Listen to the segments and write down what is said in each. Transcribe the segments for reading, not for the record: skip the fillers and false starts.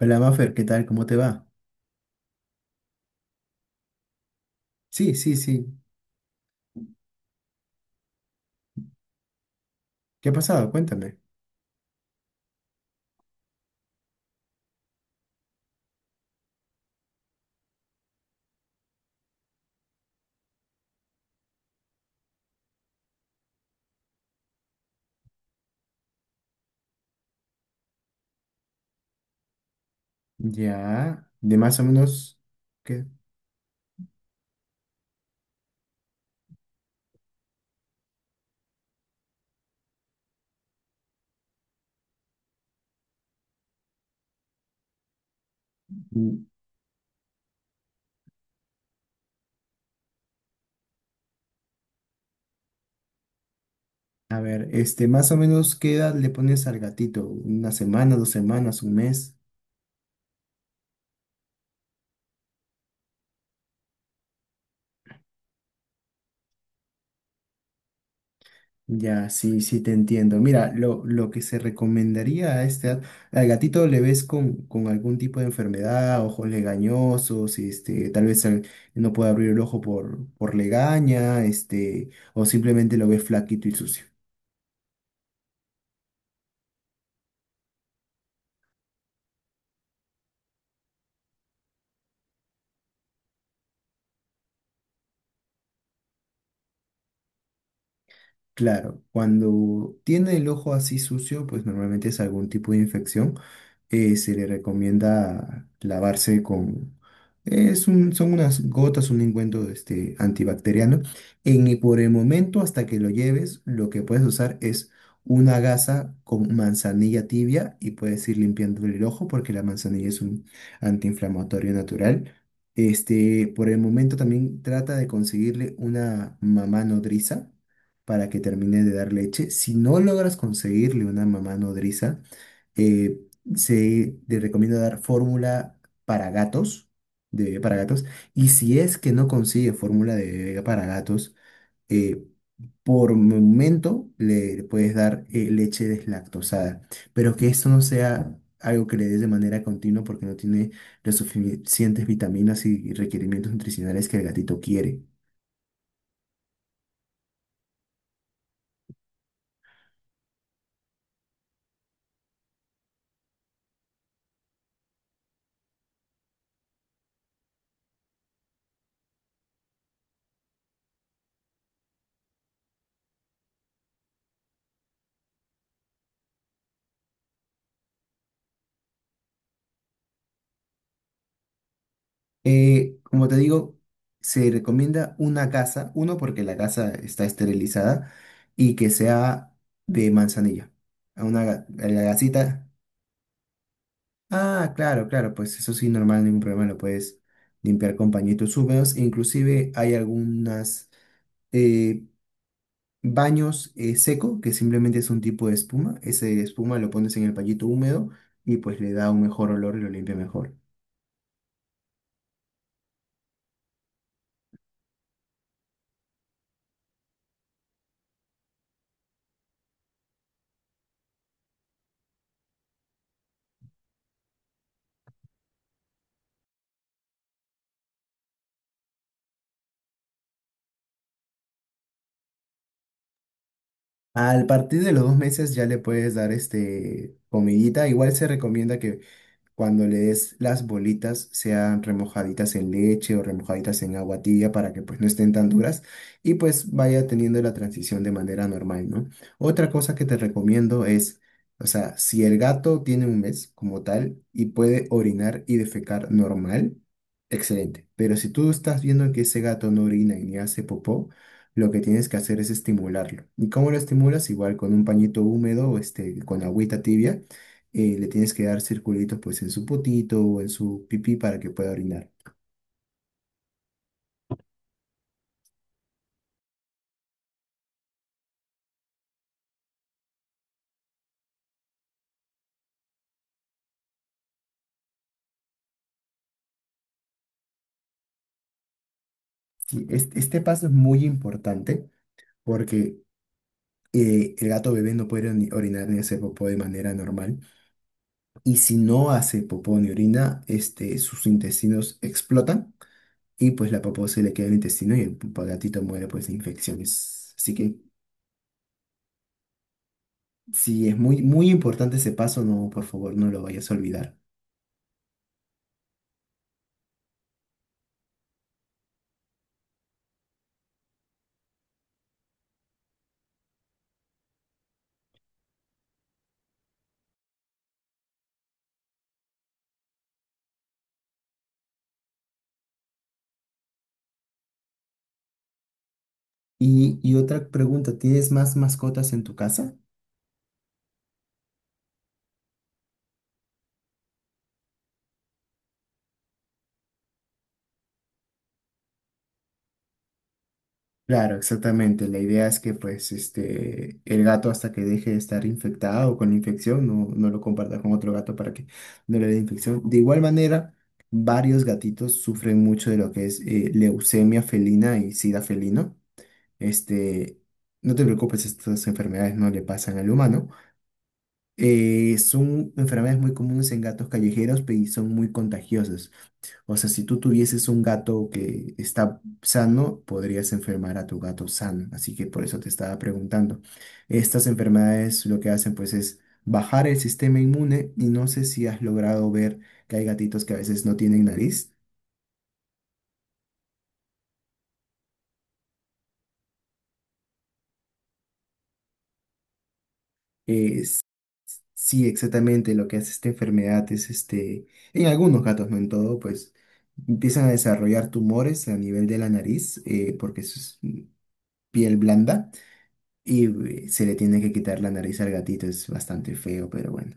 Hola, Maffer, ¿qué tal? ¿Cómo te va? Sí, sí, sí. ¿Qué ha pasado? Cuéntame. Ya, de más o menos, ¿qué? Mm. A ver, más o menos, ¿qué edad le pones al gatito? ¿Una semana, dos semanas, un mes? Ya, sí, sí te entiendo. Mira, lo que se recomendaría a al gatito le ves con algún tipo de enfermedad, ojos legañosos, tal vez no puede abrir el ojo por legaña, este, o simplemente lo ves flaquito y sucio. Claro, cuando tiene el ojo así sucio, pues normalmente es algún tipo de infección. Se le recomienda lavarse con... Son unas gotas, un engüento este, antibacteriano. Y por el momento, hasta que lo lleves, lo que puedes usar es una gasa con manzanilla tibia y puedes ir limpiando el ojo porque la manzanilla es un antiinflamatorio natural. Este, por el momento también trata de conseguirle una mamá nodriza para que termine de dar leche. Si no logras conseguirle una mamá nodriza, eh, se le recomienda dar fórmula para gatos, de bebé para gatos. Y si es que no consigue fórmula de bebé para gatos, eh, por momento le puedes dar leche deslactosada. Pero que esto no sea algo que le des de manera continua porque no tiene las suficientes vitaminas y requerimientos nutricionales que el gatito quiere. Como te digo, se recomienda una casa, uno porque la casa está esterilizada y que sea de manzanilla. A a la gasita. Ah, claro, claro, pues eso sí, normal, ningún problema, lo puedes limpiar con pañitos húmedos. Inclusive hay algunas eh, baños seco, que simplemente es un tipo de espuma. Ese espuma lo pones en el pañito húmedo y pues le da un mejor olor y lo limpia mejor. Al partir de los dos meses ya le puedes dar este comidita. Igual se recomienda que cuando le des las bolitas sean remojaditas en leche o remojaditas en agua tibia para que pues no estén tan duras y pues vaya teniendo la transición de manera normal, ¿no? Otra cosa que te recomiendo es, o sea, si el gato tiene un mes como tal y puede orinar y defecar normal, excelente. Pero si tú estás viendo que ese gato no orina y ni hace popó, lo que tienes que hacer es estimularlo. ¿Y cómo lo estimulas? Igual con un pañito húmedo, este, con agüita tibia le tienes que dar circulitos pues en su potito o en su pipí para que pueda orinar. Sí, este paso es muy importante porque el gato bebé no puede orinar ni hacer popó de manera normal y si no hace popó ni orina, este, sus intestinos explotan y pues la popó se le queda en el intestino y el gatito muere pues de infecciones. Así que sí, es muy, muy importante ese paso, no, por favor, no lo vayas a olvidar. Y otra pregunta, ¿tienes más mascotas en tu casa? Claro, exactamente. La idea es que pues este el gato hasta que deje de estar infectado o con la infección no, no lo comparta con otro gato para que no le dé infección. De igual manera, varios gatitos sufren mucho de lo que es leucemia felina y sida felino. Este, no te preocupes, estas enfermedades no le pasan al humano. Son enfermedades muy comunes en gatos callejeros y son muy contagiosas. O sea, si tú tuvieses un gato que está sano, podrías enfermar a tu gato sano. Así que por eso te estaba preguntando. Estas enfermedades lo que hacen pues es bajar el sistema inmune y no sé si has logrado ver que hay gatitos que a veces no tienen nariz. Es- sí, exactamente lo que hace esta enfermedad es este, en algunos gatos, no en todo, pues empiezan a desarrollar tumores a nivel de la nariz porque es piel blanda. Y se le tiene que quitar la nariz al gatito, es bastante feo, pero bueno.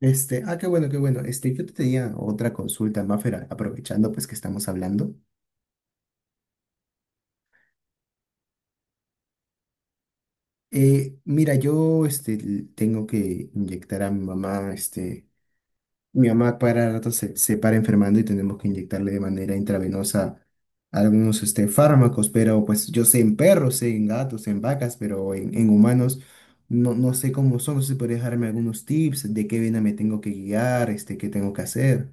Este, ah, qué bueno, qué bueno. Este, yo te tenía otra consulta, Maffer, aprovechando pues que estamos hablando. Mira, yo este, tengo que inyectar a mi mamá este, mi mamá para rato se para enfermando y tenemos que inyectarle de manera intravenosa algunos este, fármacos, pero pues yo sé en perros, sé en gatos, en vacas, pero en humanos no, no sé cómo son, no sé si podría dejarme algunos tips de qué vena me tengo que guiar, este, qué tengo que hacer.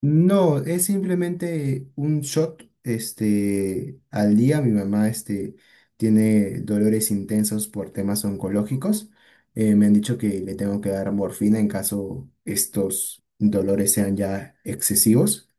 No, es simplemente un shot, este, al día. Mi mamá, este, tiene dolores intensos por temas oncológicos. Me han dicho que le tengo que dar morfina en caso estos dolores sean ya excesivos.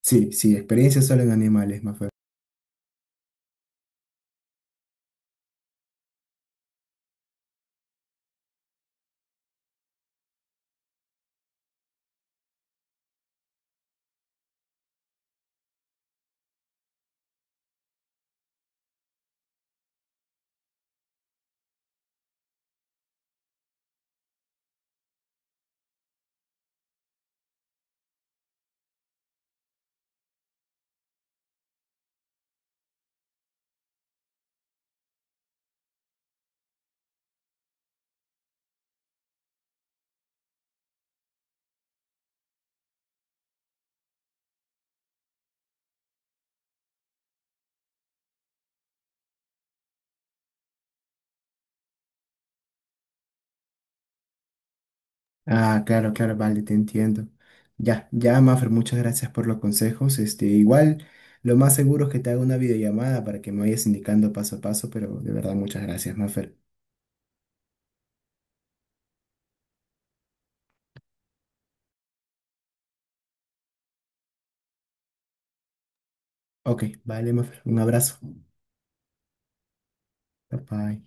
Sí, sí, experiencia solo en animales, Mafer. Ah, claro, claro, vale, te entiendo. Ya, ya, Mafer, muchas gracias por los consejos. Este, igual, lo más seguro es que te haga una videollamada para que me vayas indicando paso a paso, pero de verdad, muchas gracias, Mafer. Ok, vale, Mafer, un abrazo. Bye bye.